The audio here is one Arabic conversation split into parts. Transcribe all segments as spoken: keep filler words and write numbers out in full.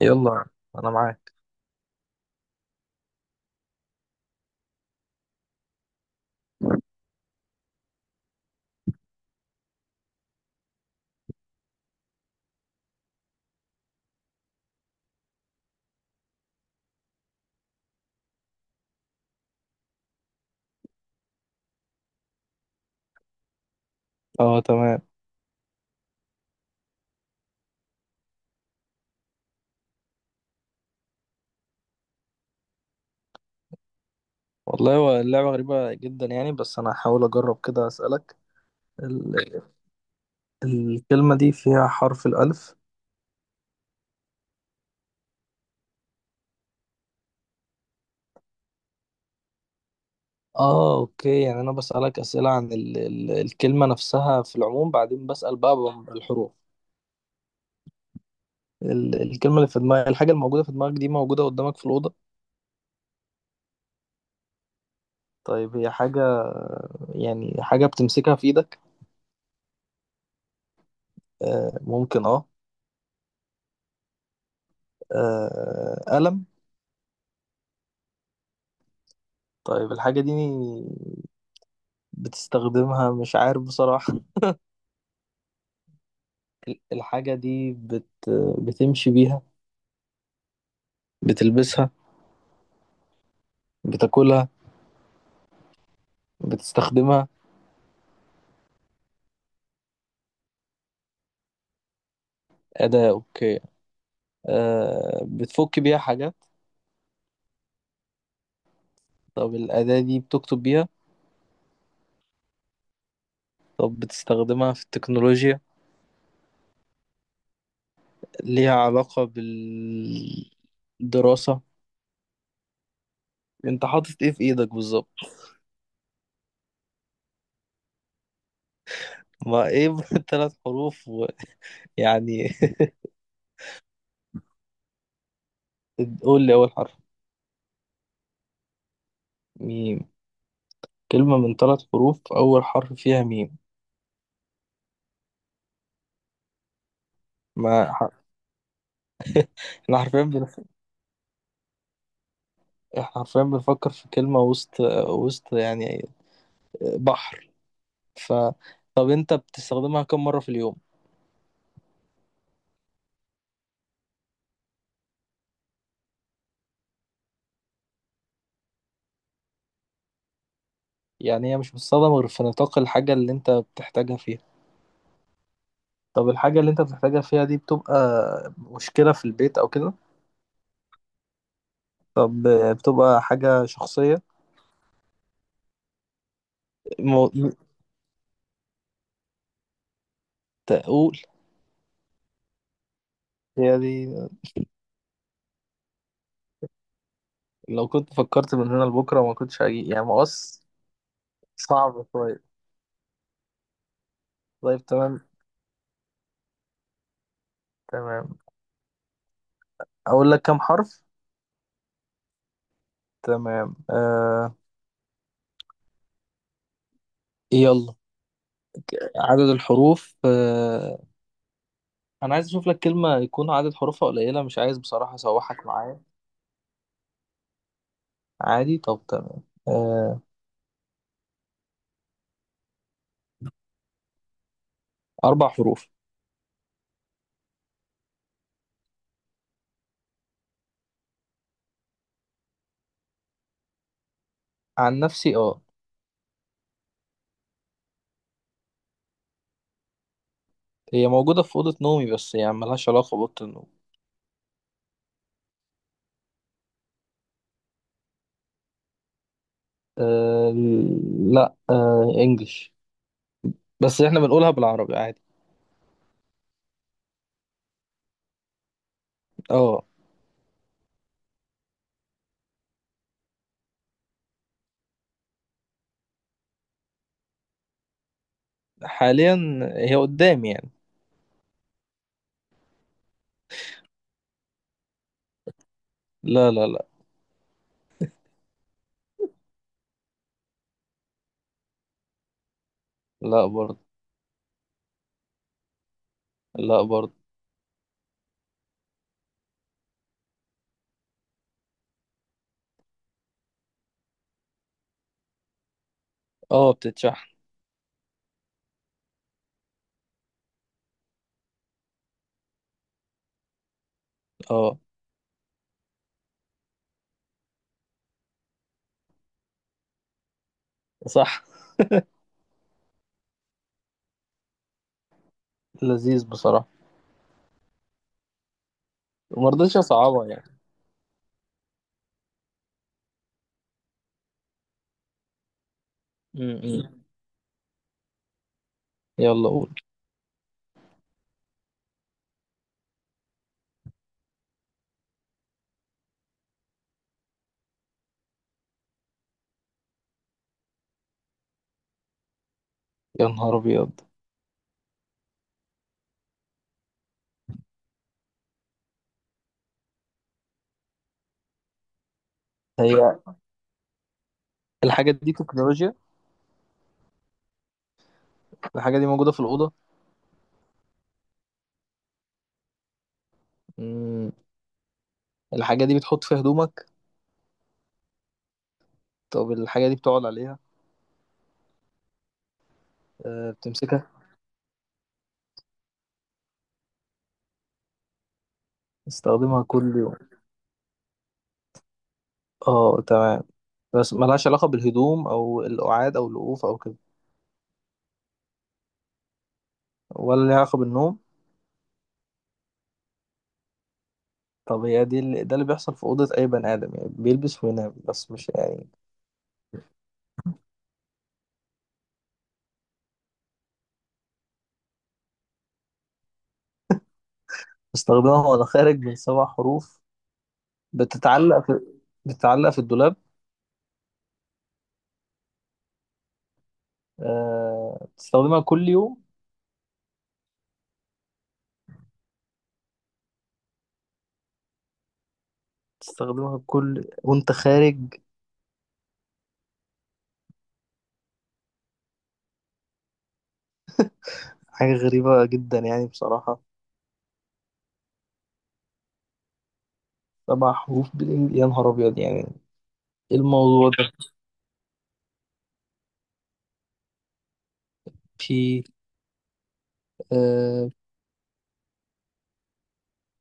يلا، انا معاك. اه، تمام. والله هو اللعبة غريبة جدا يعني، بس انا هحاول اجرب كده اسألك. ال... الكلمة دي فيها حرف الألف. اه اوكي، يعني انا بسألك أسئلة عن ال... ال... الكلمة نفسها في العموم، بعدين بسأل بقى بم- بالحروف. ال... الكلمة اللي في دماغك، الحاجة الموجودة في دماغك دي موجودة قدامك في الأوضة؟ طيب هي حاجة، يعني حاجة بتمسكها في ايدك؟ آه ممكن اه. آه، قلم؟ طيب الحاجة دي بتستخدمها، مش عارف بصراحة. الحاجة دي بت... بتمشي بيها؟ بتلبسها؟ بتاكلها؟ بتستخدمها؟ أداة، أوكي. آه... بتفك بيها حاجات؟ طب الأداة دي بتكتب بيها؟ طب بتستخدمها في التكنولوجيا؟ ليها علاقة بالدراسة؟ أنت حاطط إيه في إيدك بالظبط؟ ما إيه ثلاث حروف، ويعني. قول لي أول حرف. ميم؟ كلمة من ثلاث حروف أول حرف فيها ميم. ما ح- احنا حرفيا، حرفيا بنفكر في كلمة وسط، وسط يعني، بحر، ف. طب انت بتستخدمها كم مرة في اليوم؟ يعني هي مش بتستخدم غير في نطاق الحاجة اللي انت بتحتاجها فيها؟ طب الحاجة اللي انت بتحتاجها فيها دي بتبقى مشكلة في البيت او كده؟ طب بتبقى حاجة شخصية؟ مو... تقول، هي دي؟ لو كنت فكرت من هنا لبكرة ما كنتش هجي يعني مقص. صعب شوية. طيب تمام. تمام، اقول لك كم حرف؟ تمام، آه... يلا. عدد الحروف، آه، انا عايز اشوف لك كلمة يكون عدد حروفها قليلة، مش عايز بصراحة اسوحك معايا. عادي، طب تمام. آه، اربع حروف. عن نفسي اه. هي موجودة في أوضة نومي بس يعني ملهاش علاقة بأوضة النوم. أه لا، أه انجلش، بس احنا بنقولها بالعربي عادي. اه، حاليا هي قدامي يعني. لا لا لا. لا برضه. لا برضه. اه بتتشحن. اه، صح، لذيذ بصراحة. ومرضتش اصعبها يعني. م- م. يلا قول. يا نهار ابيض، هي الحاجات دي تكنولوجيا؟ الحاجه دي موجوده في الاوضه؟ مم. الحاجه دي بتحط فيها هدومك؟ طب الحاجه دي بتقعد عليها؟ أه بتمسكها، استخدمها كل يوم. اه تمام. بس ملهاش علاقه بالهدوم او القعاد او الوقوف او كده؟ ولا ليها علاقه بالنوم؟ طب هي دي اللي ده اللي بيحصل في اوضه اي بني ادم، يعني بيلبس وينام، بس مش يعني. بستخدمها وانا خارج، من سبع حروف. بتتعلق في بتتعلق في الدولاب. أه بتستخدمها كل يوم؟ تستخدمها كل وانت خارج؟ حاجة غريبة جدا يعني بصراحة. سبع حروف بالإنجليزي، يا نهار أبيض. يعني إيه الموضوع ده بي، آه،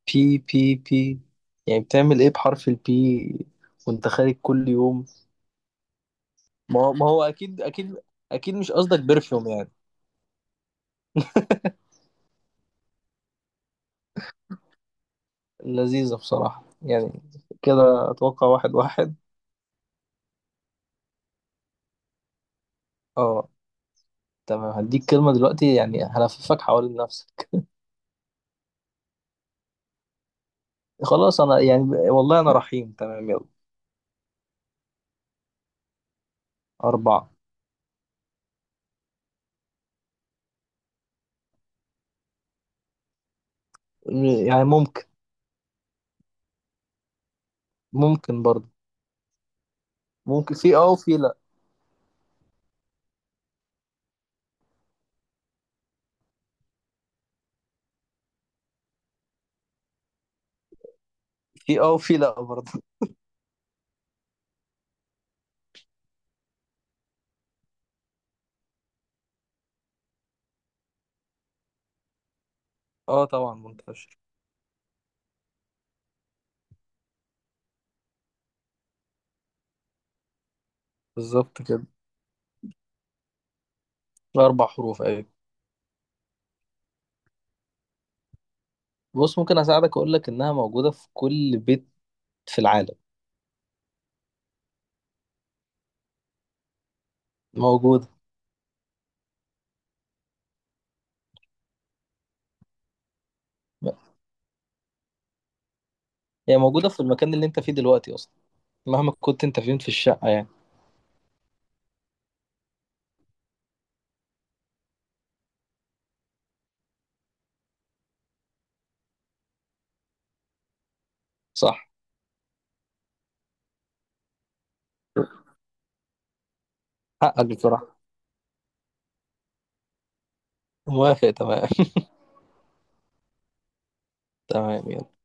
بي بي بي، يعني بتعمل إيه بحرف البي وأنت خارج كل يوم؟ ما هو ما هو أكيد أكيد. أكيد مش قصدك برفيوم يعني؟ لذيذة بصراحة يعني. كده أتوقع واحد واحد. أه تمام. هديك كلمة دلوقتي يعني هلففك حوالين نفسك. خلاص أنا يعني، والله أنا رحيم، تمام يلا. أربعة. يعني ممكن. ممكن برضه. ممكن في اه وفي لا. في اه وفي لا برضه. اه طبعا منتشر. بالظبط كده. اربع حروف، ايوه. بص ممكن اساعدك، اقول لك انها موجوده في كل بيت في العالم. موجوده. هي موجوده في المكان اللي انت فيه دلوقتي اصلا، مهما كنت انت فين في الشقه يعني. صح، حقك بصراحه. موافق تمام. تمام يلا.